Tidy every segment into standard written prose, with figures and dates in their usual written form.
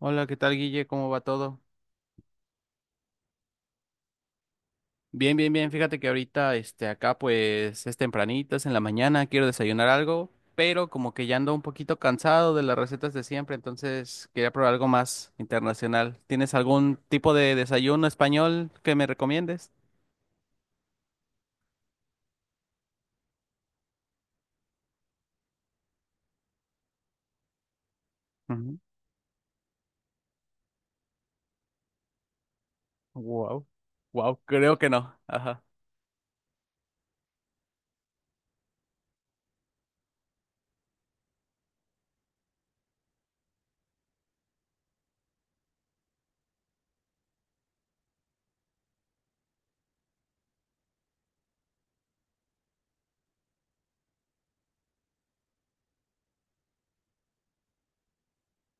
Hola, ¿qué tal, Guille? ¿Cómo va todo? Bien, bien, bien. Fíjate que ahorita, acá pues es tempranito, es en la mañana, quiero desayunar algo, pero como que ya ando un poquito cansado de las recetas de siempre, entonces quería probar algo más internacional. ¿Tienes algún tipo de desayuno español que me recomiendes? Ujú. Wow, wow, creo que no. Ajá.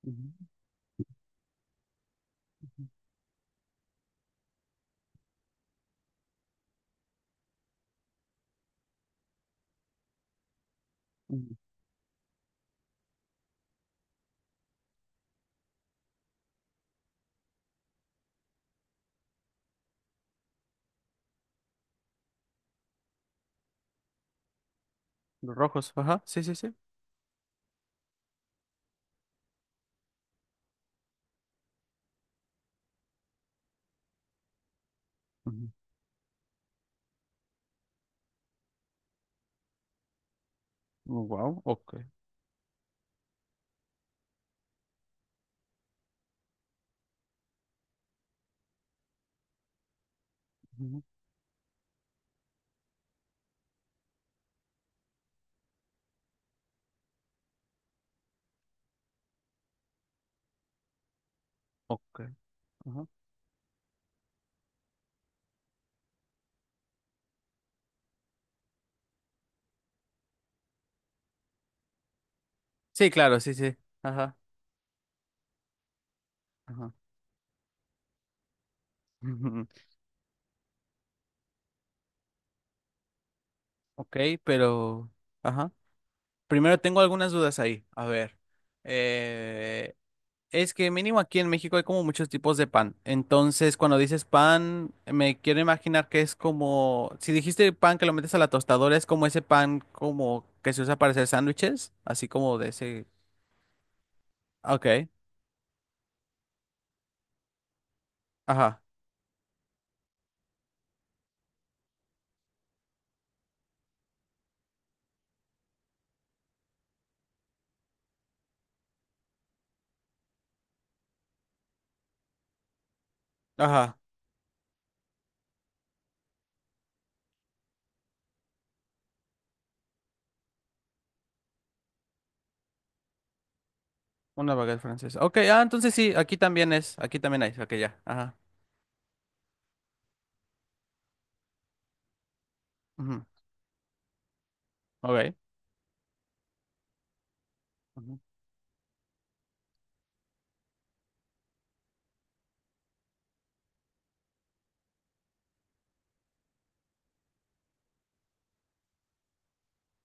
Ujú, ujú, ujú. Los rojos, ajá, sí, sí, sí. Wow, ok. Ujú, ok, ajá. Sí, claro, sí, sí. Ajá. Ajá. Ok, pero... Ajá. Primero tengo algunas dudas ahí. A ver. eh, es que mínimo aquí en México hay como muchos tipos de pan. Entonces, cuando dices pan, me quiero imaginar que es como... Si dijiste pan que lo metes a la tostadora, es como ese pan como que se usa para hacer sándwiches. Así como de ese... Ok. Ajá. Ajá. Una baguette francesa. Ok, ah, entonces sí, aquí también es. Aquí también hay. Ok, ya. Ajá. Ujú, ok. Ujú,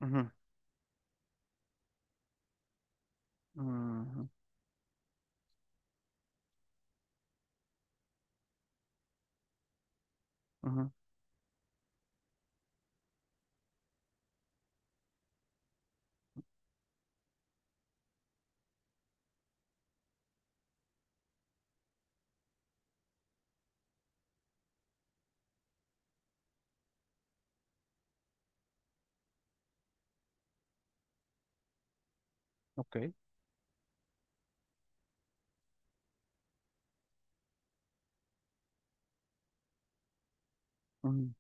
ujú, ujú, ujú, ok. Ujú,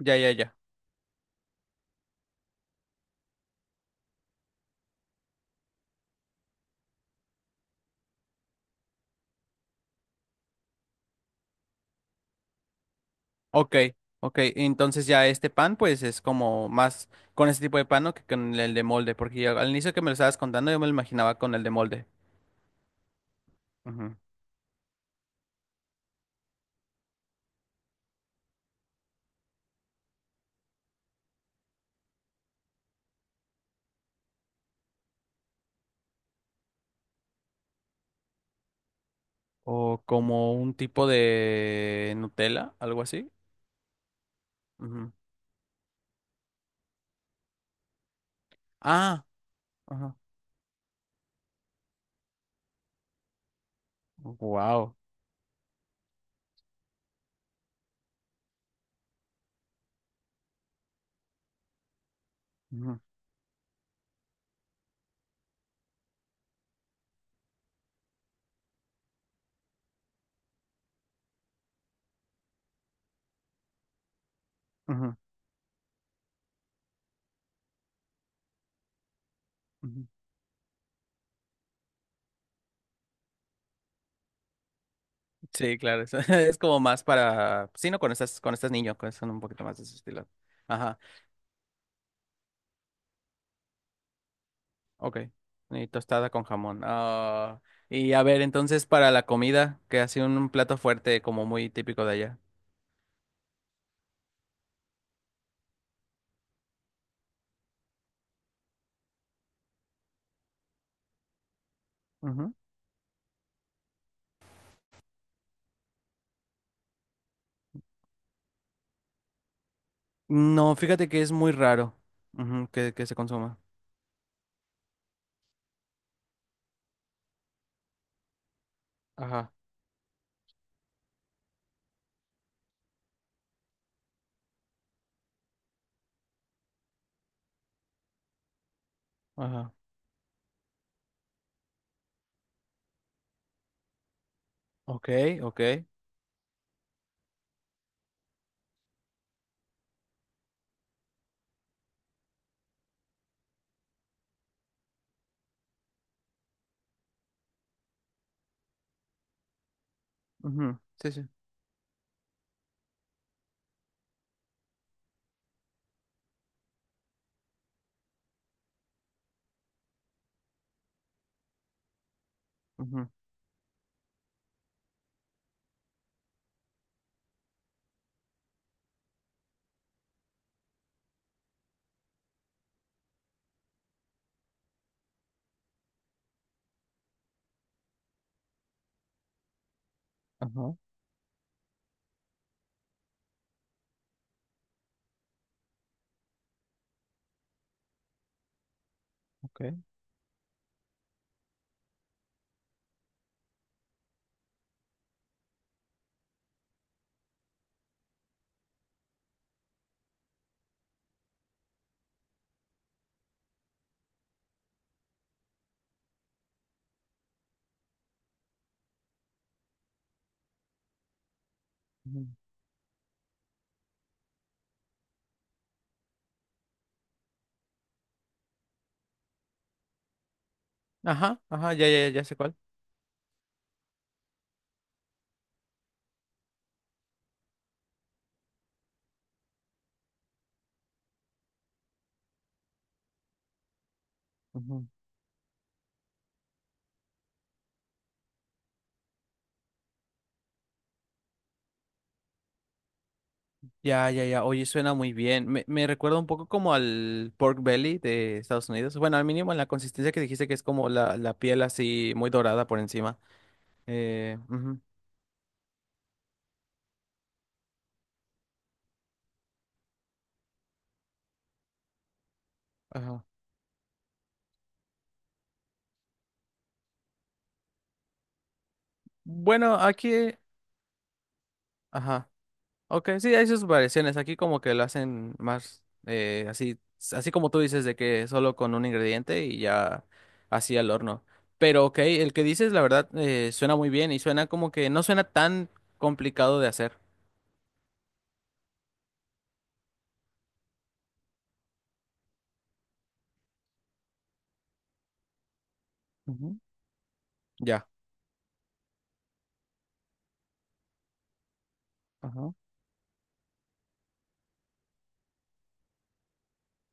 ya, ya, ya. Ok, ok. Entonces ya este pan, pues es como más con este tipo de pan, ¿no? Que con el de molde, porque ya al inicio que me lo estabas contando yo me lo imaginaba con el de molde. Ujú. O como un tipo de Nutella, algo así. Ujú. Ah, ajá. Wow. Ujú, ujú, ujú. Sí, claro, es, es como más para, sí, no, cuando estás niño, son un poquito más de ese estilo. Ajá. Ok. Y tostada con jamón. Ah, y a ver, entonces para la comida, que ha sido un plato fuerte como muy típico de allá. Ujú. No, fíjate que es muy raro ujú, que se consuma. Ajá, ajá. Ok, ok. Ujú, sí, sí. Ujú, ajá, ok. Ujú. Ajá, ajá, ya, ya, ya sé cuál. Ujú. Ya, ya, ya. Oye, suena muy bien. Me recuerda un poco como al pork belly de Estados Unidos. Bueno, al mínimo en la consistencia que dijiste que es como la piel así muy dorada por encima. Ujú, ajá. Bueno, aquí, ajá. Ok, sí, hay sus variaciones. Aquí como que lo hacen más así, así como tú dices, de que solo con un ingrediente y ya así al horno. Pero ok, el que dices, la verdad, suena muy bien y suena como que no suena tan complicado de hacer. Ujú, ya. Ajá.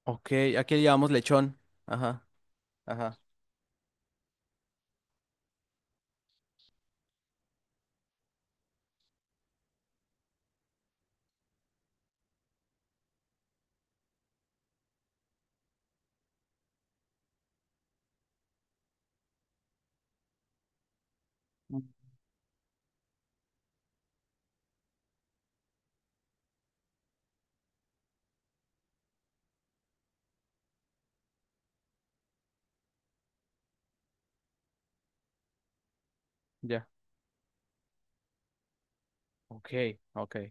Ok, aquí le llamamos lechón. Ajá, ajá. Mm. Ya. Ok, ok.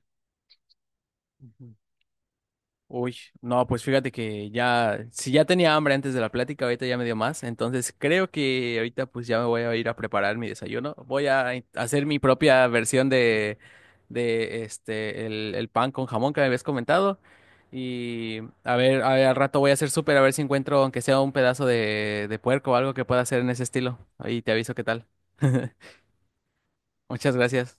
Ujú. Uy, no, pues fíjate que ya, si ya tenía hambre antes de la plática, ahorita ya me dio más, entonces creo que ahorita pues ya me voy a ir a preparar mi desayuno. Voy a hacer mi propia versión de, el pan con jamón que me habías comentado y a ver, al rato voy a hacer súper a ver si encuentro aunque sea un pedazo de puerco o algo que pueda hacer en ese estilo. Ahí te aviso qué tal. Muchas gracias.